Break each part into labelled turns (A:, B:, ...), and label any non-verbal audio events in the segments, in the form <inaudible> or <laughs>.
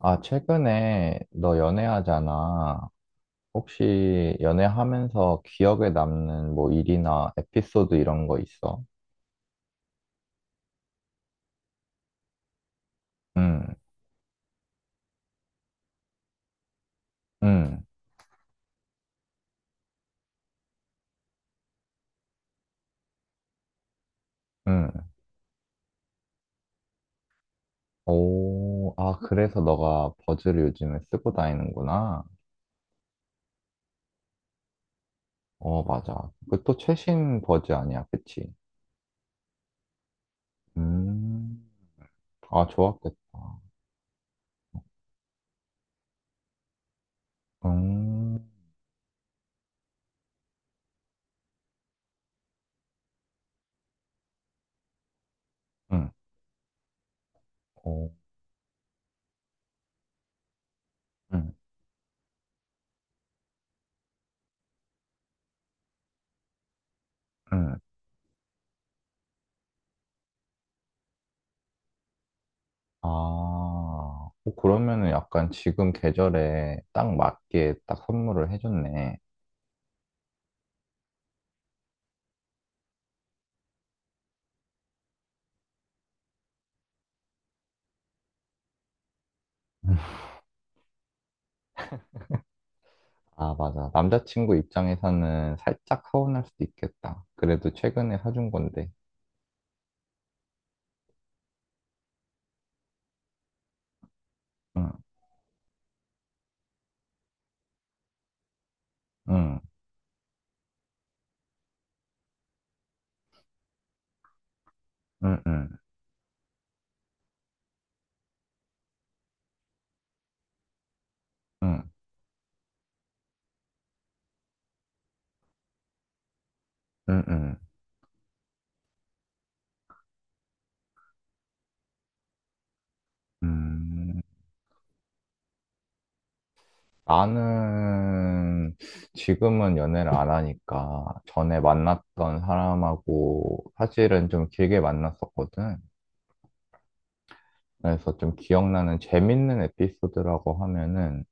A: 아, 최근에 너 연애하잖아. 혹시 연애하면서 기억에 남는 뭐 일이나 에피소드 이런 거 있어? 응, 응, 응. 오, 아, 그래서 너가 버즈를 요즘에 쓰고 다니는구나. 어, 맞아. 그 또 최신 버즈 아니야, 그치? 음, 아, 좋았겠다. 음, 응, 오, 응, 응. 아, 어, 그러면은 약간 지금 계절에 딱 맞게 딱 선물을 해줬네. 아, 맞아. 남자친구 입장에서는 살짝 서운할 수도 있겠다. 그래도 최근에 사준 건데. 응, 응, 응, 응, 응, 응, 응. 음, 나는 지금은 연애를 안 하니까 전에 만났던 사람하고 사실은 좀 길게 만났었거든. 그래서 좀 기억나는 재밌는 에피소드라고 하면은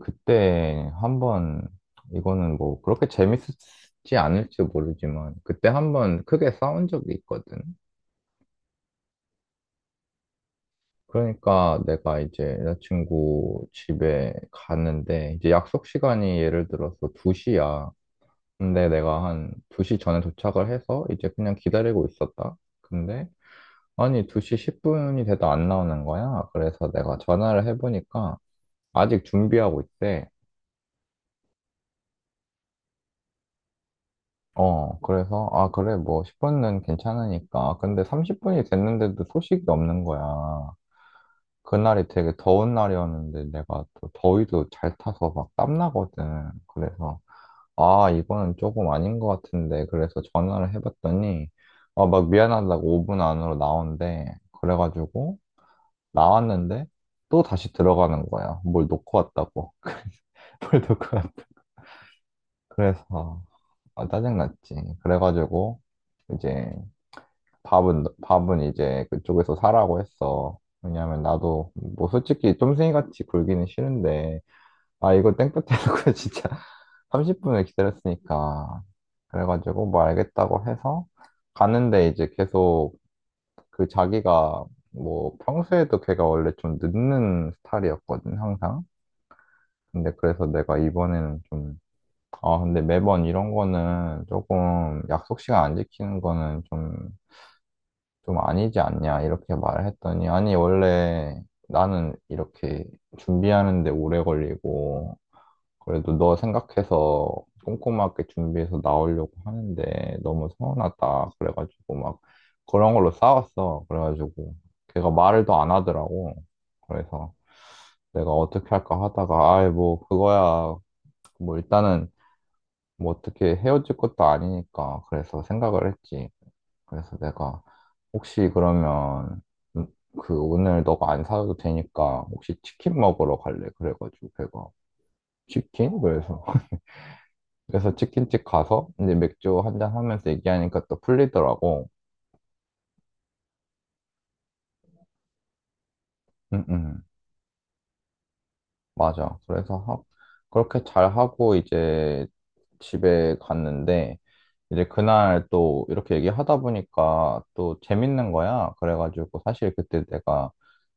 A: 그때 한번 이거는 뭐 그렇게 재밌었지 않을지 모르지만 그때 한번 크게 싸운 적이 있거든. 그러니까 내가 이제 여자친구 집에 갔는데 이제 약속 시간이 예를 들어서 2시야. 근데 내가 한 2시 전에 도착을 해서 이제 그냥 기다리고 있었다. 근데 아니 2시 10분이 돼도 안 나오는 거야. 그래서 내가 전화를 해보니까 아직 준비하고 있대. 어, 그래서, 아, 그래, 뭐, 10분은 괜찮으니까. 근데 30분이 됐는데도 소식이 없는 거야. 그날이 되게 더운 날이었는데 내가 또 더위도 잘 타서 막 땀나거든. 그래서, 아, 이거는 조금 아닌 것 같은데. 그래서 전화를 해봤더니, 아, 막 미안하다고 5분 안으로 나온대. 그래가지고, 나왔는데, 또 다시 들어가는 거야. 뭘 놓고 왔다고. <laughs> 뭘 놓고 왔 그래서, 아, 짜증났지. 그래가지고, 이제, 밥은 이제 그쪽에서 사라고 했어. 왜냐면 나도, 뭐 솔직히 쫌생이같이 굴기는 싫은데, 아, 이거 땡볕 해놓고 <laughs> 진짜 30분을 기다렸으니까. 그래가지고 뭐 알겠다고 해서 갔는데 이제 계속 그 자기가 뭐 평소에도 걔가 원래 좀 늦는 스타일이었거든, 항상. 근데 그래서 내가 이번에는 좀, 아, 근데 매번 이런 거는 조금 약속 시간 안 지키는 거는 좀 아니지 않냐 이렇게 말을 했더니 아니 원래 나는 이렇게 준비하는데 오래 걸리고 그래도 너 생각해서 꼼꼼하게 준비해서 나오려고 하는데 너무 서운하다 그래가지고 막 그런 걸로 싸웠어. 그래가지고 걔가 말을 더 안 하더라고. 그래서 내가 어떻게 할까 하다가 아이 뭐 그거야 뭐 일단은 뭐 어떻게 헤어질 것도 아니니까 그래서 생각을 했지. 그래서 내가 혹시 그러면 음, 그 오늘 너가 안 사도 되니까 혹시 치킨 먹으러 갈래? 그래가지고 걔가 치킨? 그래서 <laughs> 그래서 치킨집 가서 이제 맥주 한 잔 하면서 얘기하니까 또 풀리더라고. 응, 응. 맞아. 그래서 그렇게 잘 하고 이제 집에 갔는데 이제 그날 또 이렇게 얘기하다 보니까 또 재밌는 거야. 그래가지고 사실 그때 내가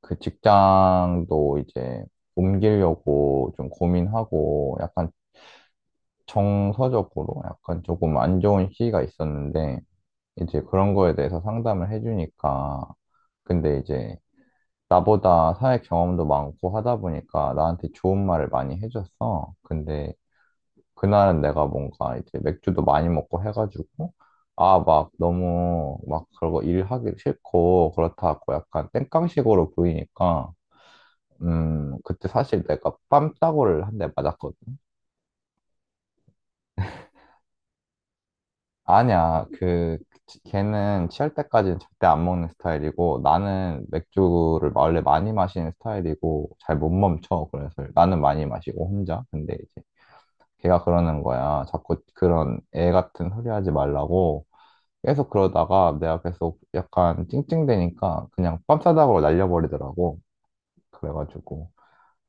A: 그 직장도 이제 옮기려고 좀 고민하고 약간 정서적으로 약간 조금 안 좋은 시기가 있었는데 이제 그런 거에 대해서 상담을 해주니까 근데 이제 나보다 사회 경험도 많고 하다 보니까 나한테 좋은 말을 많이 해줬어. 근데 그날은 내가 뭔가 이제 맥주도 많이 먹고 해가지고 아, 막 너무 막 그러고 일하기 싫고 그렇다고 약간 땡깡식으로 보이니까 그때 사실 내가 뺨따구를 한대 맞았거든. 아니야, 그, 걔는 취할 때까지는 절대 안 먹는 스타일이고, 나는 맥주를 원래 많이 마시는 스타일이고, 잘 못 멈춰. 그래서 나는 많이 마시고, 혼자. 근데 이제 걔가 그러는 거야. 자꾸 그런 애 같은 소리 하지 말라고. 계속 그러다가 내가 계속 약간 찡찡대니까 그냥 뺨싸다구로 날려버리더라고. 그래가지고.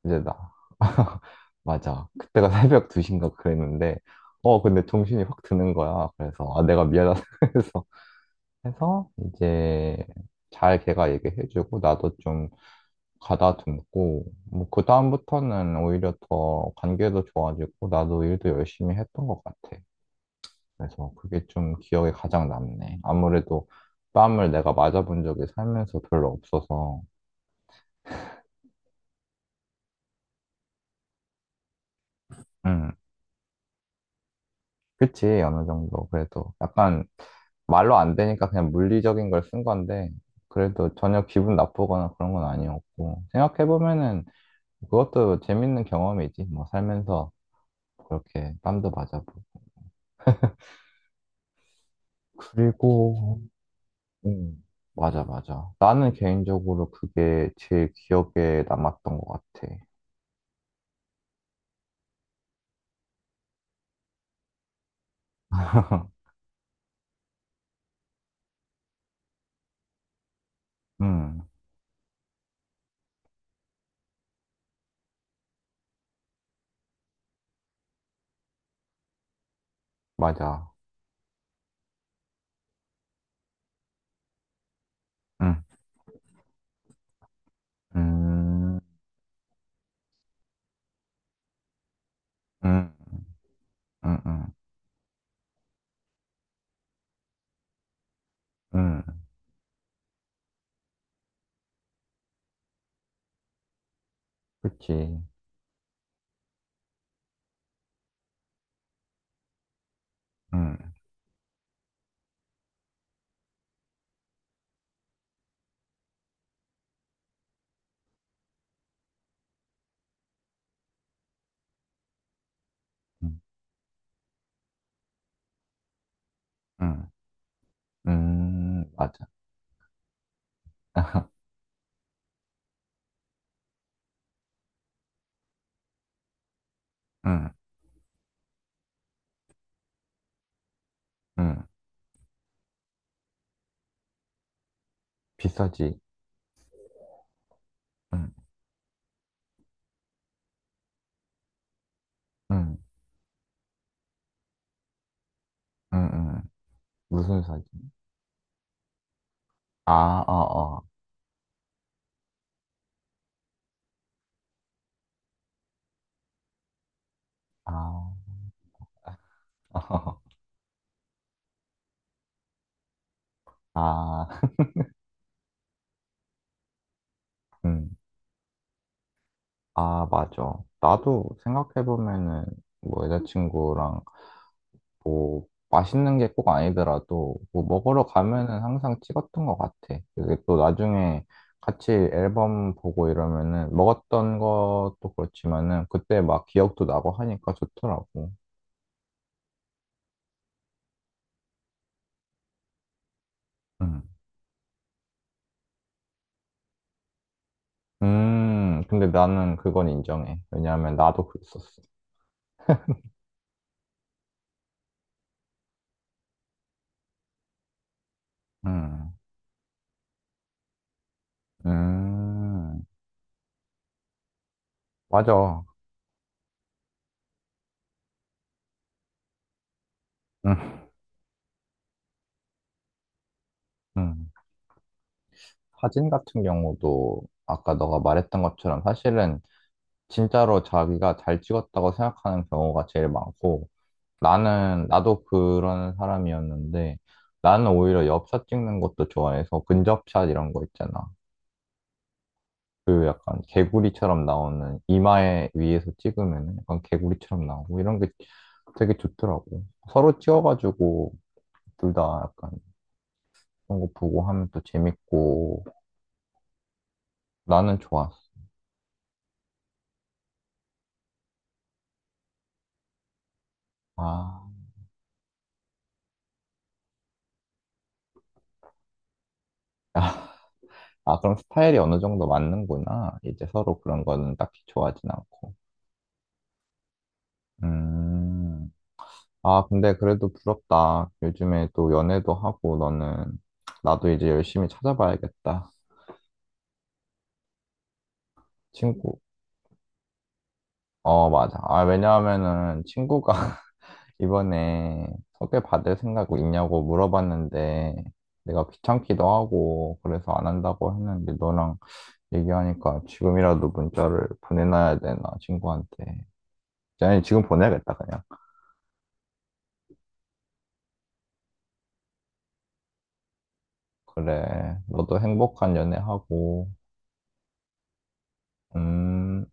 A: 이제 나. <laughs> 맞아. 그때가 새벽 2시인가 그랬는데, 어, 근데 정신이 확 드는 거야. 그래서, 아, 내가 미안하다. <laughs> 그래서, 해서, 이제, 잘 걔가 얘기해주고, 나도 좀 가다듬고, 뭐, 그다음부터는 오히려 더 관계도 좋아지고, 나도 일도 열심히 했던 것 같아. 그래서 그게 좀 기억에 가장 남네. 아무래도 뺨을 내가 맞아본 적이 살면서 별로 없어서, 음. 그치, 어느 정도. 그래도 약간 말로 안 되니까 그냥 물리적인 걸 쓴 건데, 그래도 전혀 기분 나쁘거나 그런 건 아니었고, 생각해보면은 그것도 재밌는 경험이지. 뭐 살면서 그렇게 땀도 맞아보고. 그리고, 음, 맞아, 맞아. 나는 개인적으로 그게 제일 기억에 남았던 것 같아. <laughs> 음, 맞아. 음, 음, 음, 음, 음, 음, 그치. 음, 음, 음. 맞아. <laughs> 응, 응. 비싸지. 응, 응, 응, 응. 무슨 사진? 아, 어, 어. 아, <laughs> 아, 응. 아, 맞아. 나도 생각해보면은, 뭐, 여자친구랑, 뭐, 맛있는 게 꼭 아니더라도, 뭐, 먹으러 가면은 항상 찍었던 것 같아. 이게 또 나중에 같이 앨범 보고 이러면은, 먹었던 것도 그렇지만은, 그때 막 기억도 나고 하니까 좋더라고. 응. 근데 나는 그건 인정해. 왜냐하면 나도 그랬었어. 음, 음, 맞아. 음, 음. 사진 같은 경우도 아까 너가 말했던 것처럼 사실은 진짜로 자기가 잘 찍었다고 생각하는 경우가 제일 많고 나는, 나도 그런 사람이었는데 나는 오히려 엽샷 찍는 것도 좋아해서 근접샷 이런 거 있잖아. 그 약간 개구리처럼 나오는 이마에 위에서 찍으면 약간 개구리처럼 나오고 이런 게 되게 좋더라고. 서로 찍어가지고 둘 다 약간 그런 거 보고 하면 또 재밌고 나는 좋았어. 아, 아, 그럼 스타일이 어느 정도 맞는구나. 이제 서로 그런 거는 딱히 좋아하진 않고. 음. 아, 근데 그래도 부럽다. 요즘에 또 연애도 하고 너는 나도 이제 열심히 찾아봐야겠다. 친구. 어, 맞아. 아, 왜냐하면은 친구가 이번에 소개받을 생각 있냐고 물어봤는데 내가 귀찮기도 하고 그래서 안 한다고 했는데 너랑 얘기하니까 지금이라도 문자를 보내놔야 되나 친구한테 아니 지금 보내야겠다 그냥. 그래 너도 행복한 연애하고 음